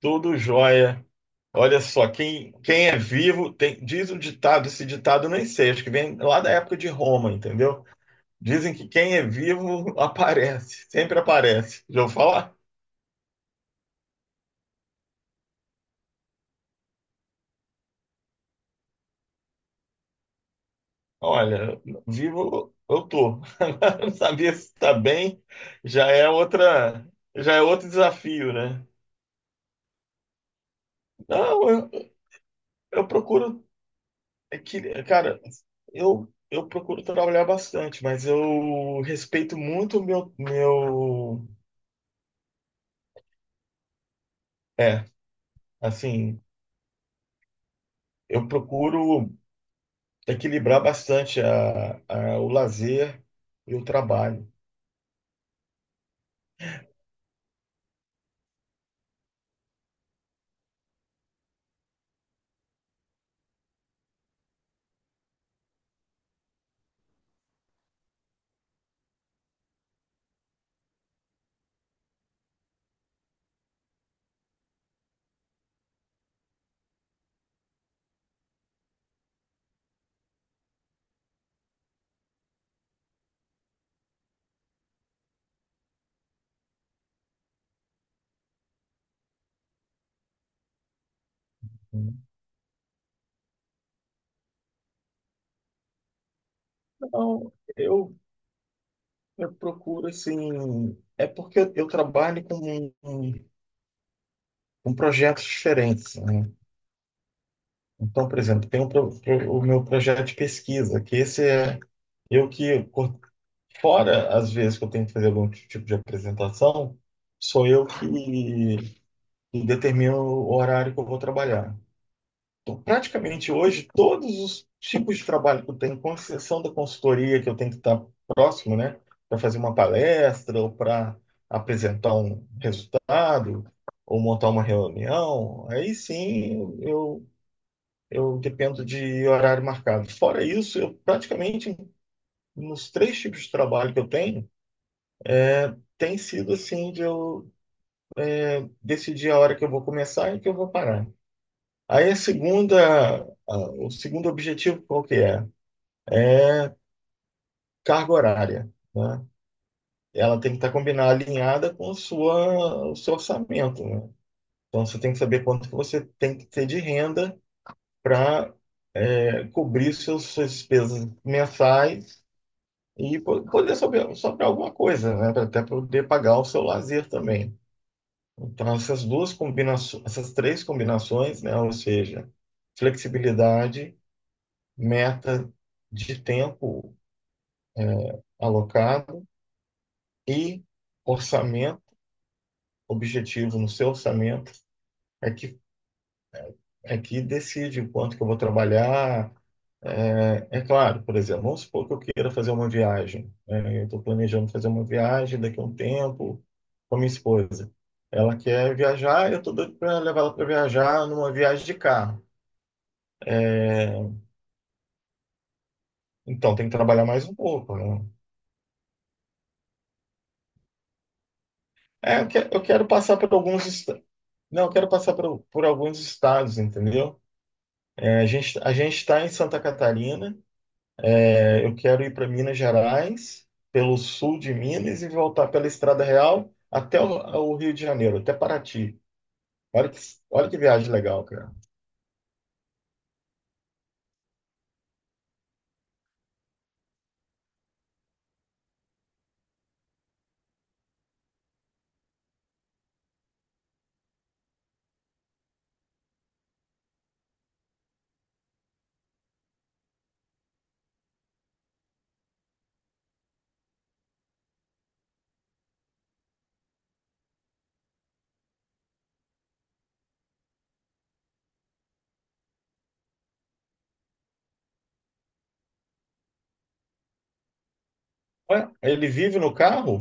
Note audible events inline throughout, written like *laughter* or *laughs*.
Tudo jóia. Olha só, quem é diz o ditado, esse ditado eu nem sei, acho que vem lá da época de Roma, entendeu? Dizem que quem é vivo *laughs* aparece, sempre aparece. Já vou falar? Olha, vivo eu tô. *laughs* Agora, não sabia se tá bem, já é outra, já é outro desafio, né? Não, eu procuro, é que, cara, eu procuro trabalhar bastante, mas eu respeito muito o meu é, Assim, eu procuro equilibrar bastante o lazer e o trabalho. Então, eu, eu procuro, assim, é porque eu trabalho com projetos diferentes, né? Então, por exemplo, tem um o meu projeto de pesquisa, que esse é eu que, co- fora às vezes que eu tenho que fazer algum tipo de apresentação, sou que determino o horário que eu vou trabalhar. Então, praticamente hoje, todos os tipos de trabalho que eu tenho, com exceção da consultoria, que eu tenho que estar próximo, né, para fazer uma palestra ou para apresentar um resultado ou montar uma reunião, aí sim eu dependo de horário marcado. Fora isso, eu praticamente, nos três tipos de trabalho que eu tenho, tem sido assim de eu decidir a hora que eu vou começar e que eu vou parar. Aí a- o segundo objetivo qual que é? É carga horária, né? Ela tem que estar combinada, alinhada com a o seu orçamento, né? Então, você tem que saber quanto que você tem que ter de renda para cobrir suas despesas mensais e poder sobrar alguma coisa, né? Para até poder pagar o seu lazer também. Então, essas três combinações, né? Ou seja, flexibilidade, meta de tempo alocado e orçamento objetivo no seu orçamento é é que decide quanto que eu vou trabalhar. É, é claro, por exemplo, vamos supor que eu queira fazer uma viagem, né? Eu estou planejando fazer uma viagem daqui a um tempo com a minha esposa. Ela quer viajar, eu estou doido para levar ela para viajar numa viagem de carro. Então tem que trabalhar mais um pouco, né? É, eu, que- eu quero passar por alguns. Esta- Não, eu quero passar por alguns estados, entendeu? É, a gente está em Santa Catarina. É, eu quero ir para Minas Gerais, pelo sul de Minas e voltar pela Estrada Real até o Rio de Janeiro, até Paraty. Olha que, olha que viagem legal, cara. Ué, ele vive no carro,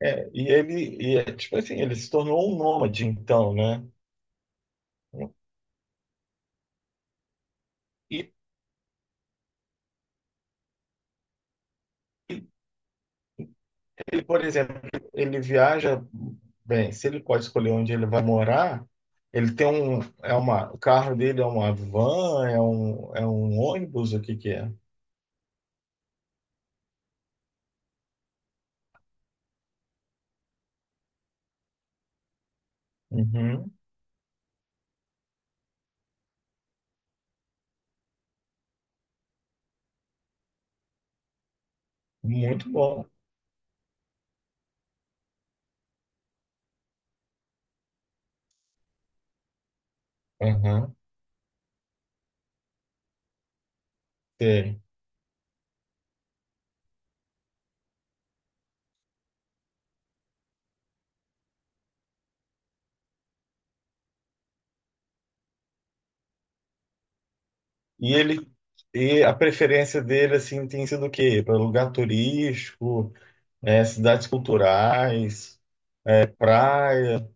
tipo assim, ele se tornou um nômade, então, né? E e por exemplo, ele viaja, bem, se ele pode escolher onde ele vai morar, ele tem o carro dele é uma van, é um ônibus, o que que é? Uhum, muito bom. Uhum. Sei. E ele e a preferência dele assim tem sido o quê? Para lugar turístico, é, cidades culturais, é, praia.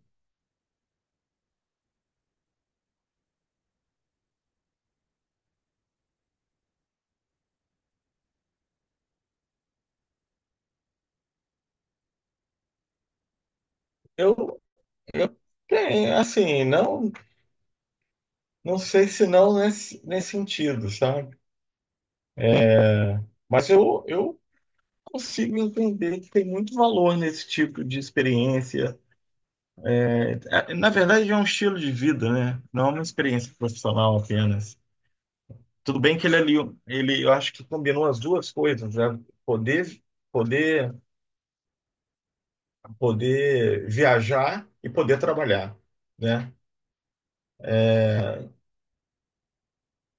Eu, eu tenho, assim, não, não sei se não nesse, nesse sentido, sabe? É, mas eu consigo entender que tem muito valor nesse tipo de experiência. É, na verdade, é um estilo de vida, né? Não é uma experiência profissional apenas. Tudo bem que ele, eu acho que combinou as duas coisas, né? Poder, poder, poder viajar e poder trabalhar, né?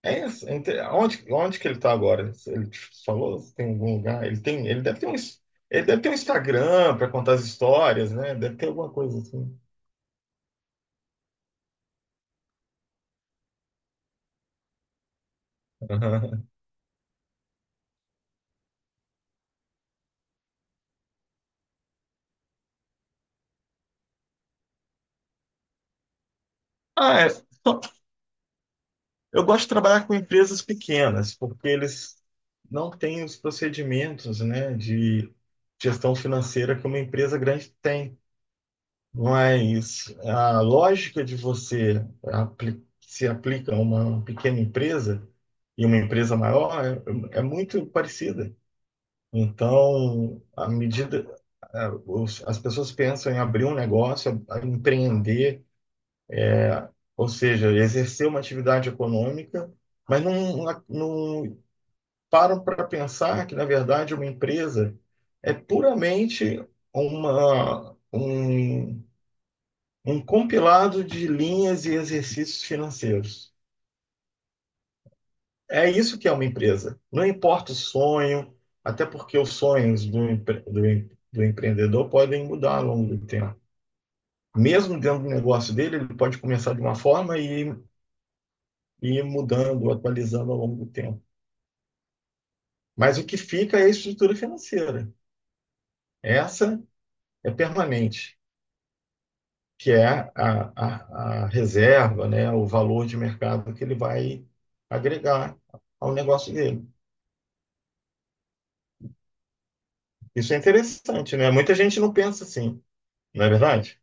É isso. Onde, onde que ele está agora? Ele te falou, se tem algum lugar? Ele deve ter um Instagram para contar as histórias, né? Deve ter alguma coisa assim. *laughs* Ah, é. Eu gosto de trabalhar com empresas pequenas, porque eles não têm os procedimentos, né, de gestão financeira que uma empresa grande tem. Mas a lógica de você se aplica a uma pequena empresa e uma empresa maior é, é muito parecida. Então, à medida, a- os- as pessoas pensam em abrir um negócio, a empreender, ou seja, exercer uma atividade econômica, mas não param para pensar que, na verdade, uma empresa é puramente um um compilado de linhas e exercícios financeiros. É isso que é uma empresa. Não importa o sonho, até porque os sonhos do empreendedor podem mudar ao longo do tempo. Mesmo dentro do negócio dele, ele pode começar de uma forma e mudando, atualizando ao longo do tempo. Mas o que fica é a estrutura financeira. Essa é permanente, que é a reserva, né, o valor de mercado que ele vai agregar ao negócio dele. Isso é interessante, né? Muita gente não pensa assim, não é verdade?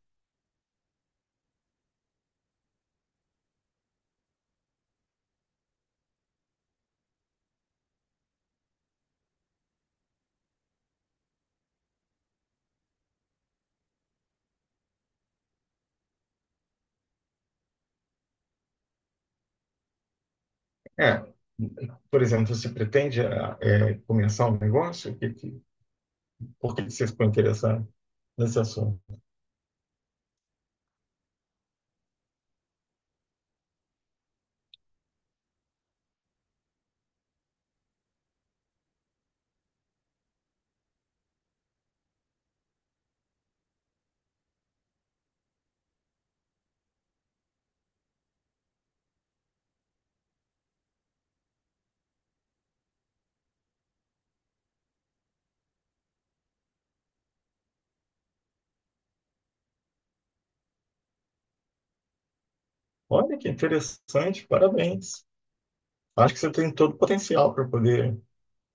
É. Por exemplo, você pretende ah, é, começar um negócio? Por que que você ficou interessado nesse assunto? Olha que interessante, parabéns. Acho que você tem todo o potencial para poder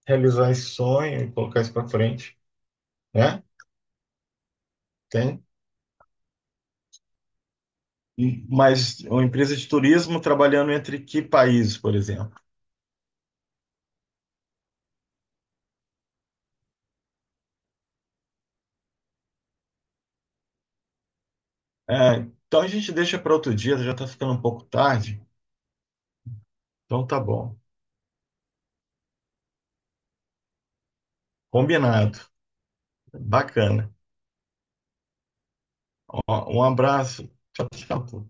realizar esse sonho e colocar isso para frente, né? Tem. Mas uma empresa de turismo trabalhando entre que países, por exemplo? É, então a gente deixa para outro dia, já está ficando um pouco tarde. Então tá bom. Combinado. Bacana. Ó, um abraço. Tchau, tchau.